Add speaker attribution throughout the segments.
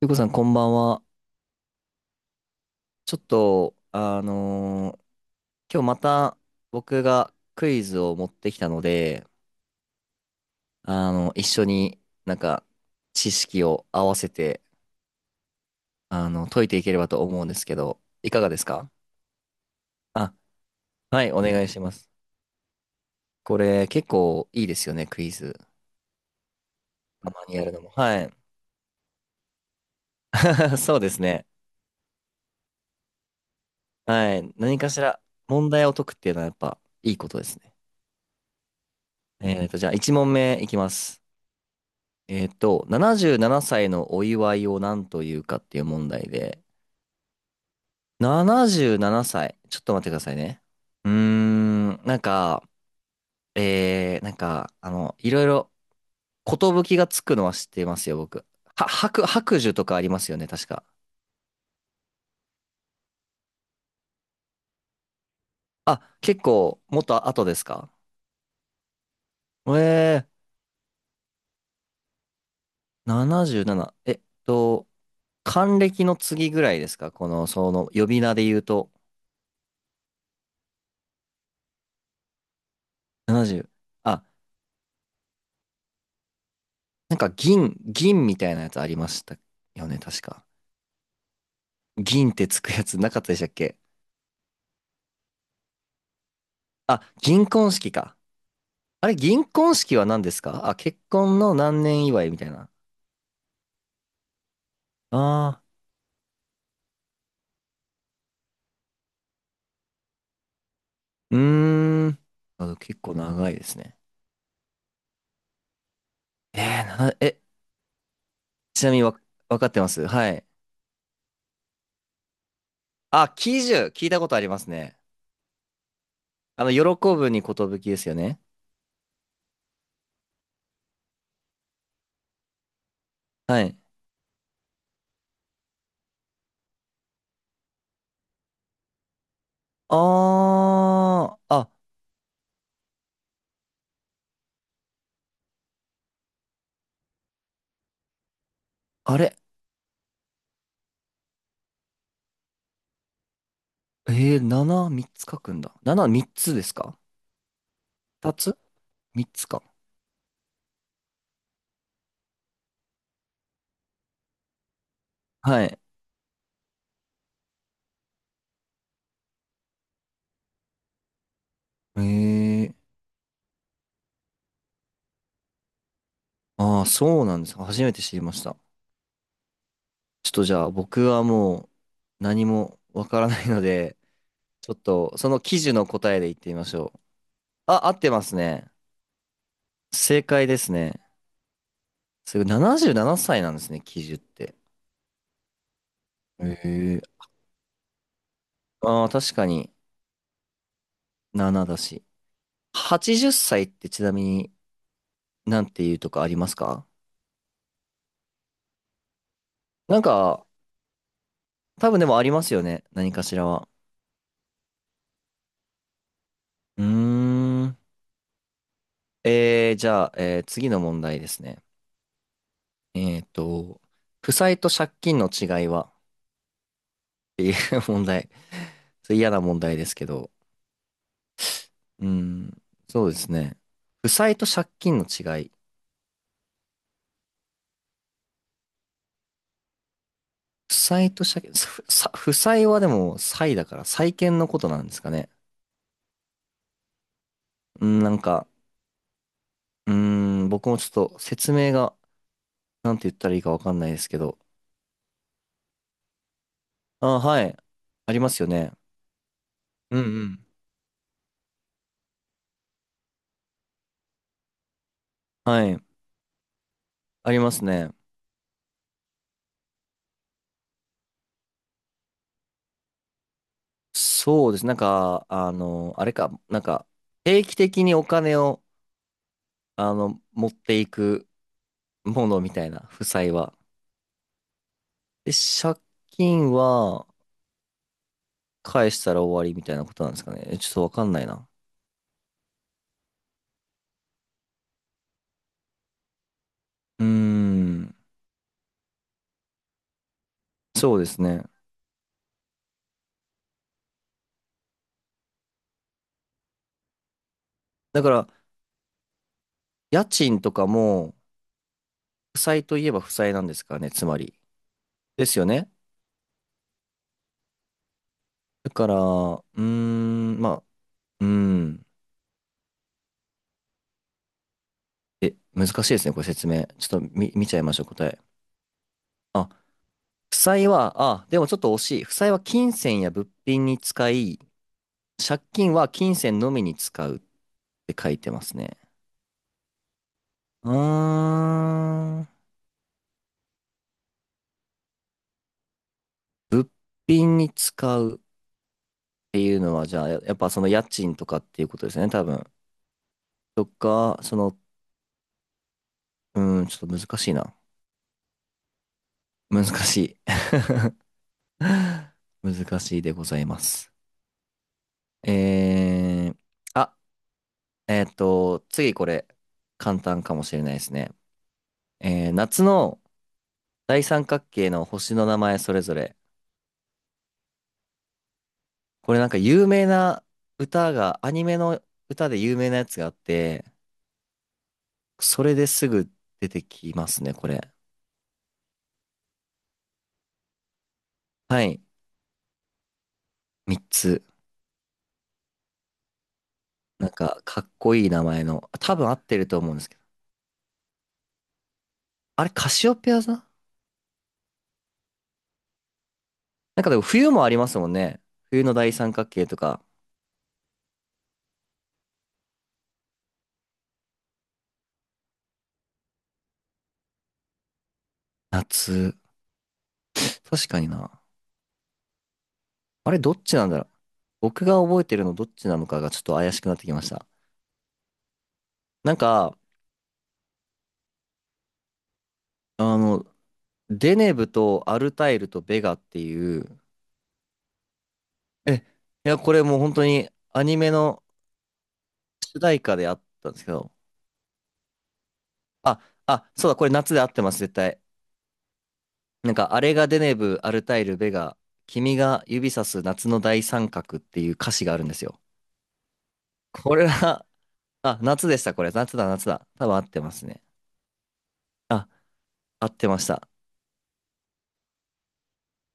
Speaker 1: ゆうこさん、こんばんは。ちょっと、今日また僕がクイズを持ってきたので、一緒になんか知識を合わせて、解いていければと思うんですけど、いかがですか？あ、はい、お願いします。これ結構いいですよね、クイズ。たまにやるのも。はい。そうですね。はい。何かしら問題を解くっていうのはやっぱいいことですね。じゃあ1問目いきます。77歳のお祝いを何というかっていう問題で、77歳。ちょっと待ってくださいね。うーん、なんか、なんか、いろいろ、寿がつくのは知ってますよ、僕。白寿とかありますよね、確か。あ、結構、もっと後ですか？え77。と、還暦の次ぐらいですか？この、その、呼び名で言うと。70。あ、なんか銀みたいなやつありましたよね、確か。銀ってつくやつなかったでしたっけ？あ、銀婚式か。あれ、銀婚式は何ですか？あ、結婚の何年祝いみたいな。ああ、うーん。あ、結構長いですね。えーな、え、ちなみにわかってます。はい。あ、喜寿、聞いたことありますね。喜ぶに寿ですよね。はい。ああ、あ、あれ。え7、3つ書くんだ。7、3つですか？ 2 つ？ 3 つか。はい。ええ。ああー、そうなんですか。初めて知りました。ちょっとじゃあ僕はもう何もわからないので、ちょっとその記事の答えで言ってみましょう。あ、合ってますね。正解ですね。すごい77歳ななさいなんですね、記事って。ええ。ああ、確かに7だし。80歳っさいってちなみになんていうとかありますか？なんか、多分でもありますよね。何かしらは。うーん。じゃあ、次の問題ですね。えっと、負債と借金の違いはっていう 問題。それ嫌な問題ですけど。うん、そうですね。負債と借金の違い。負債と借金、負債はでも債だから債権のことなんですかね。うん、なんか、うん、僕もちょっと説明が、なんて言ったらいいかわかんないですけど。あ、はい。ありますよね。うんうん。はい。ありますね。そうです。なんか、あれか、なんか、定期的にお金を、持っていくものみたいな、負債は。で、借金は返したら終わりみたいなことなんですかね。ちょっとわかんないな。うーん、そうですね。だから、家賃とかも、負債といえば負債なんですからね、つまり。ですよね。だから、うーん、まあ、うーん。え、難しいですね、これ説明。ちょっと見ちゃいましょう、答え。あ、負債は、あ、でもちょっと惜しい。負債は金銭や物品に使い、借金は金銭のみに使うって書いてますね。うーん。瓶に使うっていうのは、じゃあ、やっぱその家賃とかっていうことですね、多分。とか、その、うーん、ちょっと難しいな。難しい。難しいでございます。えー、あ、次これ、簡単かもしれないですね。夏の大三角形の星の名前それぞれ。これなんか有名な歌が、アニメの歌で有名なやつがあって、それですぐ出てきますね、これ。はい。3つ。なんか、かっこいい名前の。多分合ってると思うんですけど。あれ、カシオペア座？なんかでも冬もありますもんね。冬の大三角形とか、夏。確かにな。あれ、どっちなんだろう。僕が覚えてるのどっちなのかがちょっと怪しくなってきました。なんか、あの、デネブとアルタイルとベガっていう、いや、これもう本当にアニメの主題歌であったんですけど、あ、あ、そうだ、これ夏で合ってます、絶対。なんか、あれがデネブ・アルタイル・ベガ、君が指さす夏の大三角っていう歌詞があるんですよ。これは、あ、夏でした、これ。夏だ、夏だ。多分合ってますね。あ、合ってました。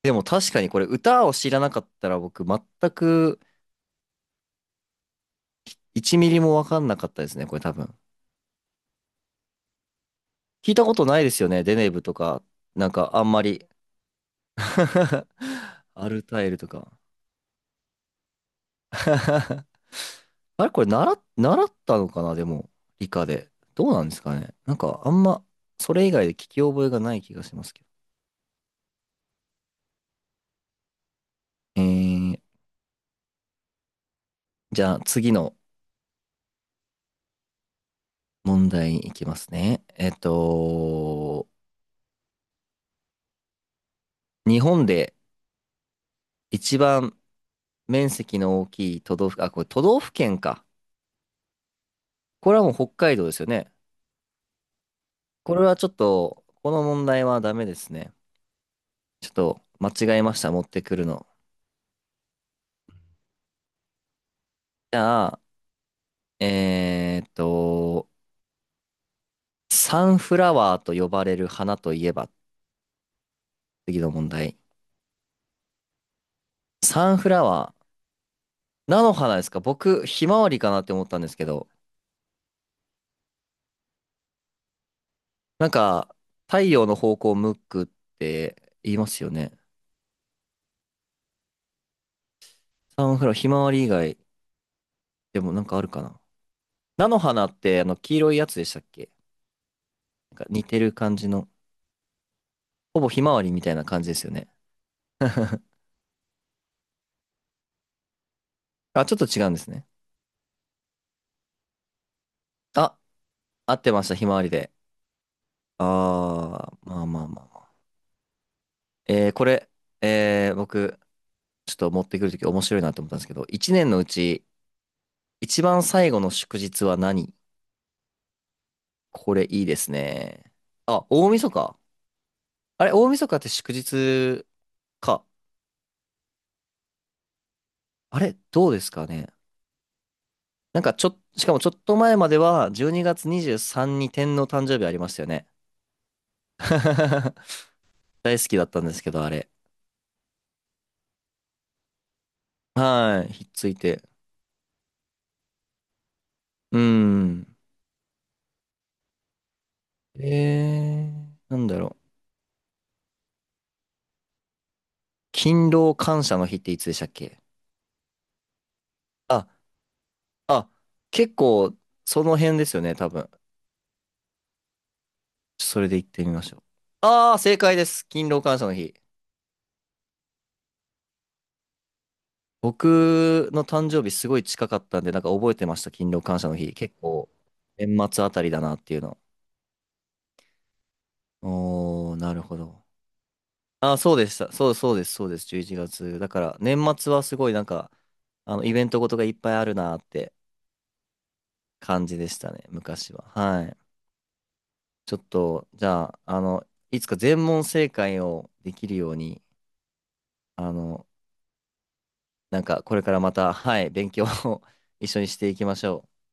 Speaker 1: でも確かにこれ、歌を知らなかったら僕、全く1ミリもわかんなかったですね、これ多分。聞いたことないですよね、デネブとか。なんか、あんまり。アルタイルとか。あれこれ習ったのかなでも、理科で。どうなんですかね？なんかあんま、それ以外で聞き覚えがない気がしますけど。えー、じゃあ次の問題に行きますね。日本で一番面積の大きい都道府、あ、これ都道府県か。これはもう北海道ですよね。これはちょっと、この問題はダメですね。ちょっと間違えました、持ってくるの。じゃあ、えーっと、サンフラワーと呼ばれる花といえば、次の問題。サンフラワー、菜の花ですか？僕、ひまわりかなって思ったんですけど、なんか、太陽の方向を向くって言いますよね。サンフラワー、ひまわり以外でもなんかあるかな。菜の花って、黄色いやつでしたっけ？なんか似てる感じの、ほぼひまわりみたいな感じですよね。あ、ちょっと違うんですね。あ、合ってました、ひまわりで。あー、まあまあまあ。これ、僕、ちょっと持ってくるとき面白いなと思ったんですけど、一年のうち、一番最後の祝日は何？これいいですね。あ、大晦日。あれ、大晦日って祝日か。あれ、どうですかね。なんかちょっ、しかもちょっと前までは、12月23にがつにじゅうさんに天皇誕生日ありましたよね。大好きだったんですけど、あれ。はい、ひっついて。うーん。なんだろう。勤労感謝の日っていつでしたっけ？ああ、結構、その辺ですよね、多分。それで行ってみましょう。ああ、正解です。勤労感謝の日。僕の誕生日すごい近かったんで、なんか覚えてました、勤労感謝の日。結構、年末あたりだなっていうの。おー、なるほど。あ、そうでした。そう、そうです、そうです。11月。だから、年末はすごいなんか、イベントごとがいっぱいあるなって感じでしたね、昔は。はい。ちょっと、じゃあ、いつか全問正解をできるように、あの、なんかこれからまた、はい、勉強を 一緒にしていきましょう。